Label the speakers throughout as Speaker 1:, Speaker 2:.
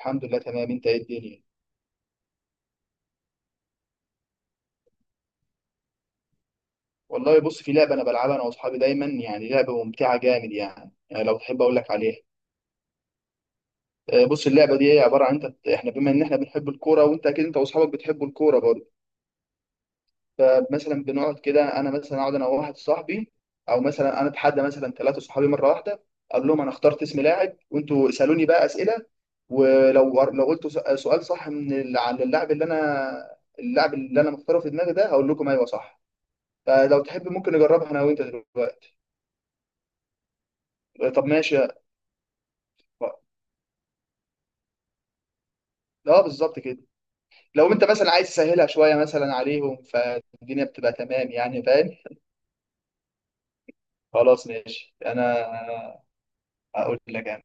Speaker 1: الحمد لله تمام. انت ايه الدنيا؟ والله بص، في لعبه انا بلعبها انا واصحابي دايما، يعني لعبه ممتعه جامد. يعني لو تحب اقول لك عليها. بص، اللعبه دي هي عباره عن احنا، بما ان احنا بنحب الكوره وانت اكيد انت واصحابك بتحبوا الكوره برضه. فمثلا بنقعد كده، انا مثلا اقعد انا وواحد صاحبي، او مثلا انا اتحدى مثلا ثلاثه صحابي مره واحده. اقول لهم انا اخترت اسم لاعب، وانتوا اسالوني بقى اسئله. ولو قلت سؤال صح عن اللاعب، اللي انا اللاعب اللي انا مختاره في دماغي ده، هقول لكم ايوه صح. فلو تحب ممكن نجربها انا وانت دلوقتي. طب ماشي. اه بالظبط كده. لو انت مثلا عايز تسهلها شويه مثلا عليهم، فالدنيا بتبقى تمام، يعني فاهم. خلاص ماشي انا. اقول لك انا.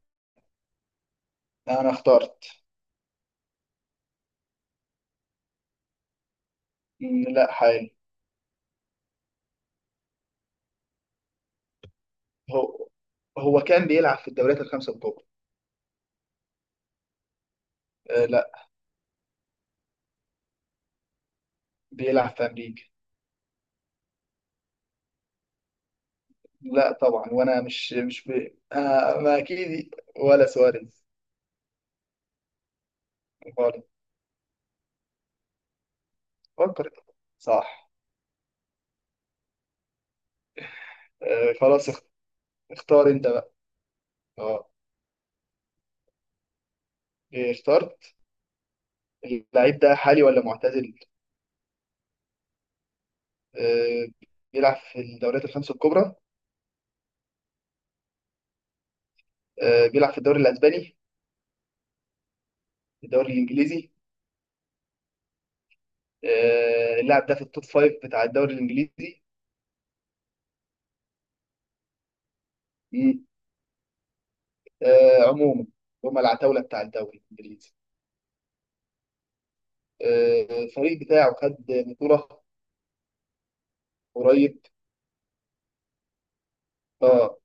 Speaker 1: انا اخترت. لا حالي. هو هو كان بيلعب في الدوريات الخمسه الكبرى. آه لا. بيلعب في امريكا. لا طبعا. وانا مش مش بي... آه ما اكيد ولا سواريز. خالص. فكر. صح. آه خلاص اخ- اختار انت بقى. اه. إيه، اخترت. اللعيب ده حالي ولا معتزل؟ آه، بيلعب في الدوريات الخمسة الكبرى. بيلعب في الدوري الأسباني. الدوري الإنجليزي. اللاعب ده في التوب فايف بتاع الدوري الإنجليزي. مم. عموما. هم العتاولة بتاع الدوري الإنجليزي. الفريق بتاعه خد بطولة. قريب. اه.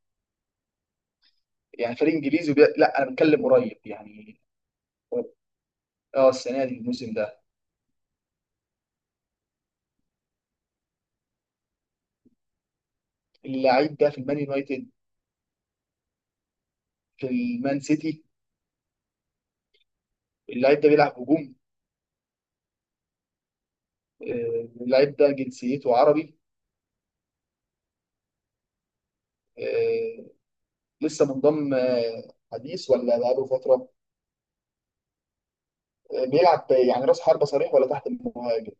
Speaker 1: يعني فريق إنجليزي لا، أنا بتكلم قريب يعني. اه السنة دي، الموسم ده. اللاعب ده في المان يونايتد. في المان سيتي. اللاعب ده بيلعب هجوم. اللاعب ده جنسيته عربي. آه، لسه منضم حديث ولا بقاله فترة؟ بيلعب يعني راس حربة صريح ولا تحت المهاجم؟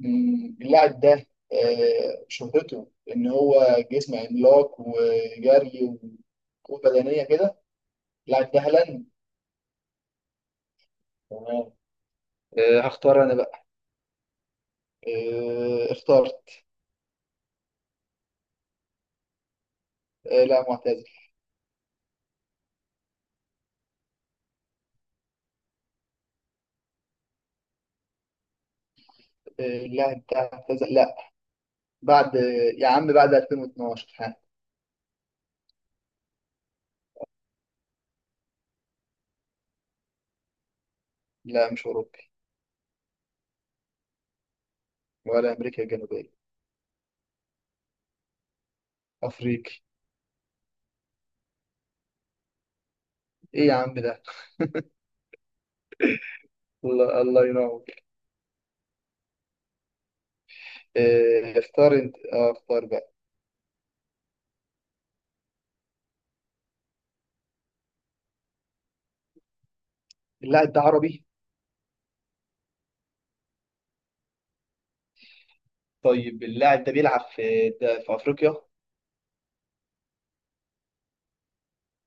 Speaker 1: اللاعب ده شهرته إن هو جسم عملاق وجري وقوة بدنية كده. اللاعب ده هالاند. تمام. هختار أنا بقى. اخترت. لا معتزل. اللاعب ده اعتزل، لا بعد. يا عم بعد 2012 ها. لا مش أوروبي. ولا أمريكا الجنوبية. أفريقي. إيه يا عم ده. الله الله ينور. اختار انت. اختار بقى. اللاعب ده عربي؟ طيب اللاعب ده بيلعب في ده في افريقيا؟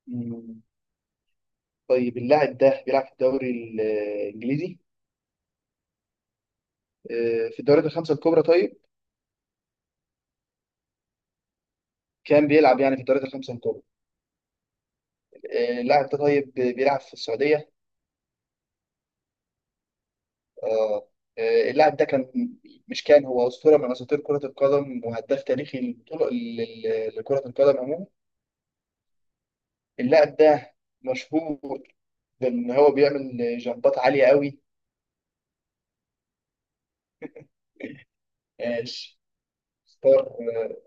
Speaker 1: مم. طيب اللاعب ده بيلعب في الدوري الانجليزي؟ في الدوريات الخمسه الكبرى طيب؟ كان بيلعب يعني في الدوريات الخمسه الكبرى. اللاعب ده طيب بيلعب في السعوديه. اه. اللاعب ده كان، مش كان، هو اسطوره من اساطير كره القدم وهداف تاريخي للبطوله لكره القدم عموما. اللاعب ده مشهور بان هو بيعمل جنبات عاليه قوي. اختار.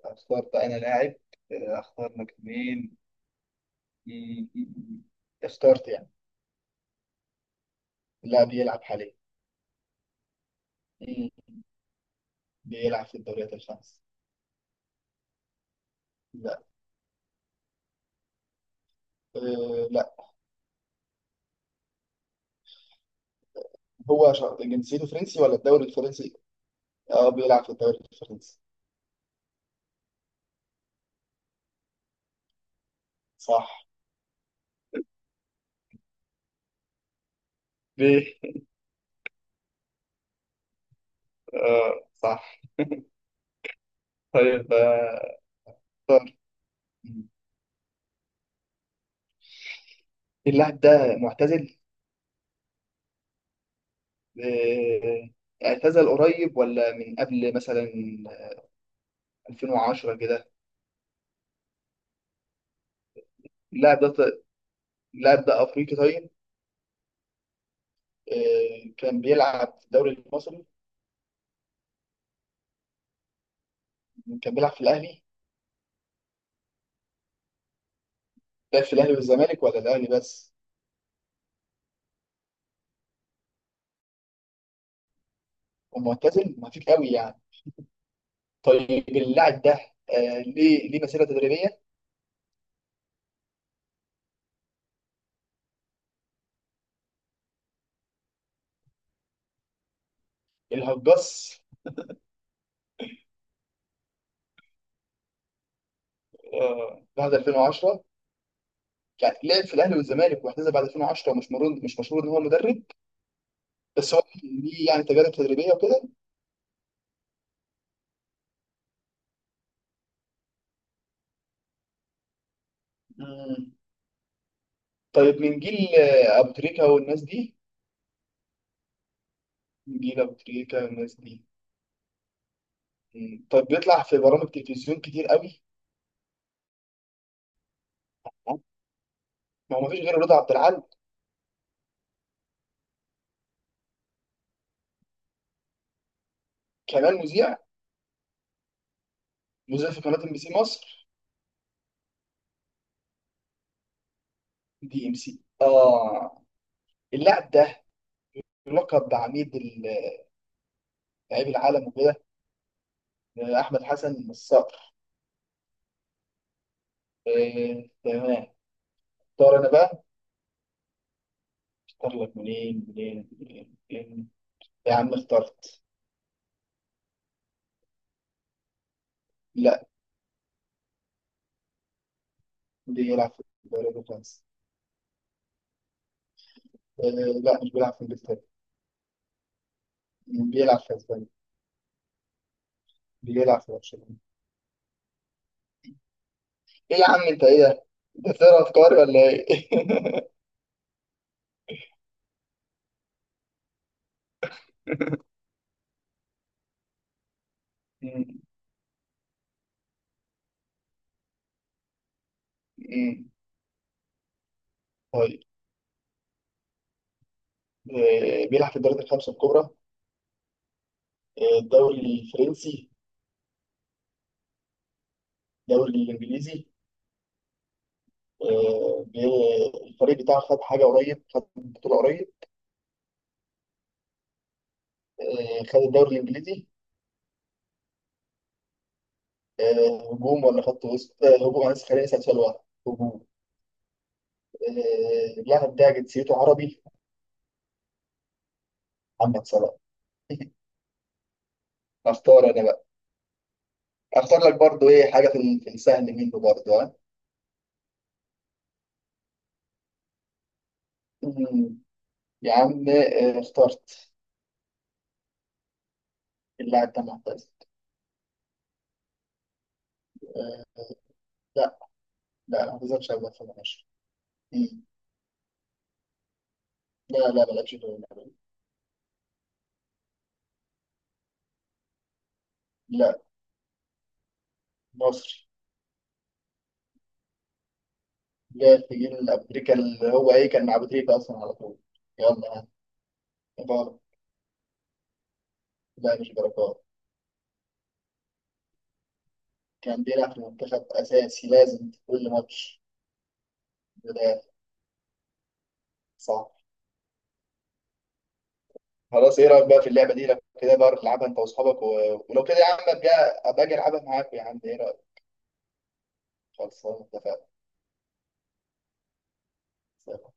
Speaker 1: اختار بقى انا لاعب. اختار لك مين. مم، مم. اخترت يعني. لاعب يلعب حاليا. مم. بيلعب في الدوريات الخمس. لا. أه لا. هو جنسيته فرنسي ولا الدوري الفرنسي؟ اه بيلعب في الدوري الفرنسي. صح. ليه؟ آه صح. طيب. اختار. مم. اللاعب ده معتزل. آه، اعتزل قريب ولا من قبل مثلا 2010 كده. اللاعب ده اللاعب ده افريقي طيب. كان بيلعب في الدوري المصري. كان بيلعب في الاهلي. لعب في الاهلي والزمالك ولا الاهلي بس؟ ومعتزل ما فيك قوي يعني. طيب اللاعب ده ليه مسيره تدريبيه. الهجاص. بعد 2010 يعني. لعب في الاهلي والزمالك واعتزل بعد 2010، ومش مشهور، مش مشهور ان هو مدرب. بس هو ليه يعني تجارب تدريبيه وكده. مم. طيب من جيل ابو تريكه والناس دي. من جيل ابو تريكه والناس دي. مم. طيب بيطلع في برامج تلفزيون كتير قوي. ما هو مفيش غير رضا عبد العال. كمان مذيع. مذيع في قناة ام بي سي مصر. دي ام سي اه. اللاعب ده يلقب لعيب العالم وكده. احمد حسن الصقر. تمام. اختار انا بقى. اختار لك منين منين منين منين. يا عم اخترت. لا، بيلعب في الدوري الفرنسي. آه، لا مش بيلعب في انجلترا. بيلعب في اسبانيا. بيلعب في برشلونة. ايه يا عم، انت ايه ده؟ ده ترى افكاري ولا ايه؟ مم. مم. طيب بيلعب في الدوري الخمسة الكبرى. الدوري الفرنسي. الدوري الانجليزي. الفريق بتاعه خد حاجه قريب، خد بطوله قريب. خد الدوري الانجليزي. هجوم ولا خط وسط؟ هجوم. انا لسه خليني اسال سؤال واحد. هجوم. اللاعب ده جنسيته عربي. محمد صلاح. اختار انا بقى. اختار لك برضو ايه حاجه في السهل منه برضو ها. مم. يا عم اخترت. اللاعب ده معتزل؟ لا لا ما اعتزلش قبل 2010. مم. لا ما لعبش في الأول. لا. مصري. جاء الجيل الأمريكي اللي هو إيه، كان مع أبو تريكة أصلا على طول. يلا هات. بركات. لا مش بركات. كان بيلعب في المنتخب أساسي لازم في كل ماتش. بداية. صح. خلاص، إيه رأيك بقى في اللعبة دي؟ لو كده بقى العبها أنت وأصحابك و... ولو كده يا عم أبقى أبقى أجي ألعبها معاك يا عم، إيه رأيك. خلصانة. اتفقنا.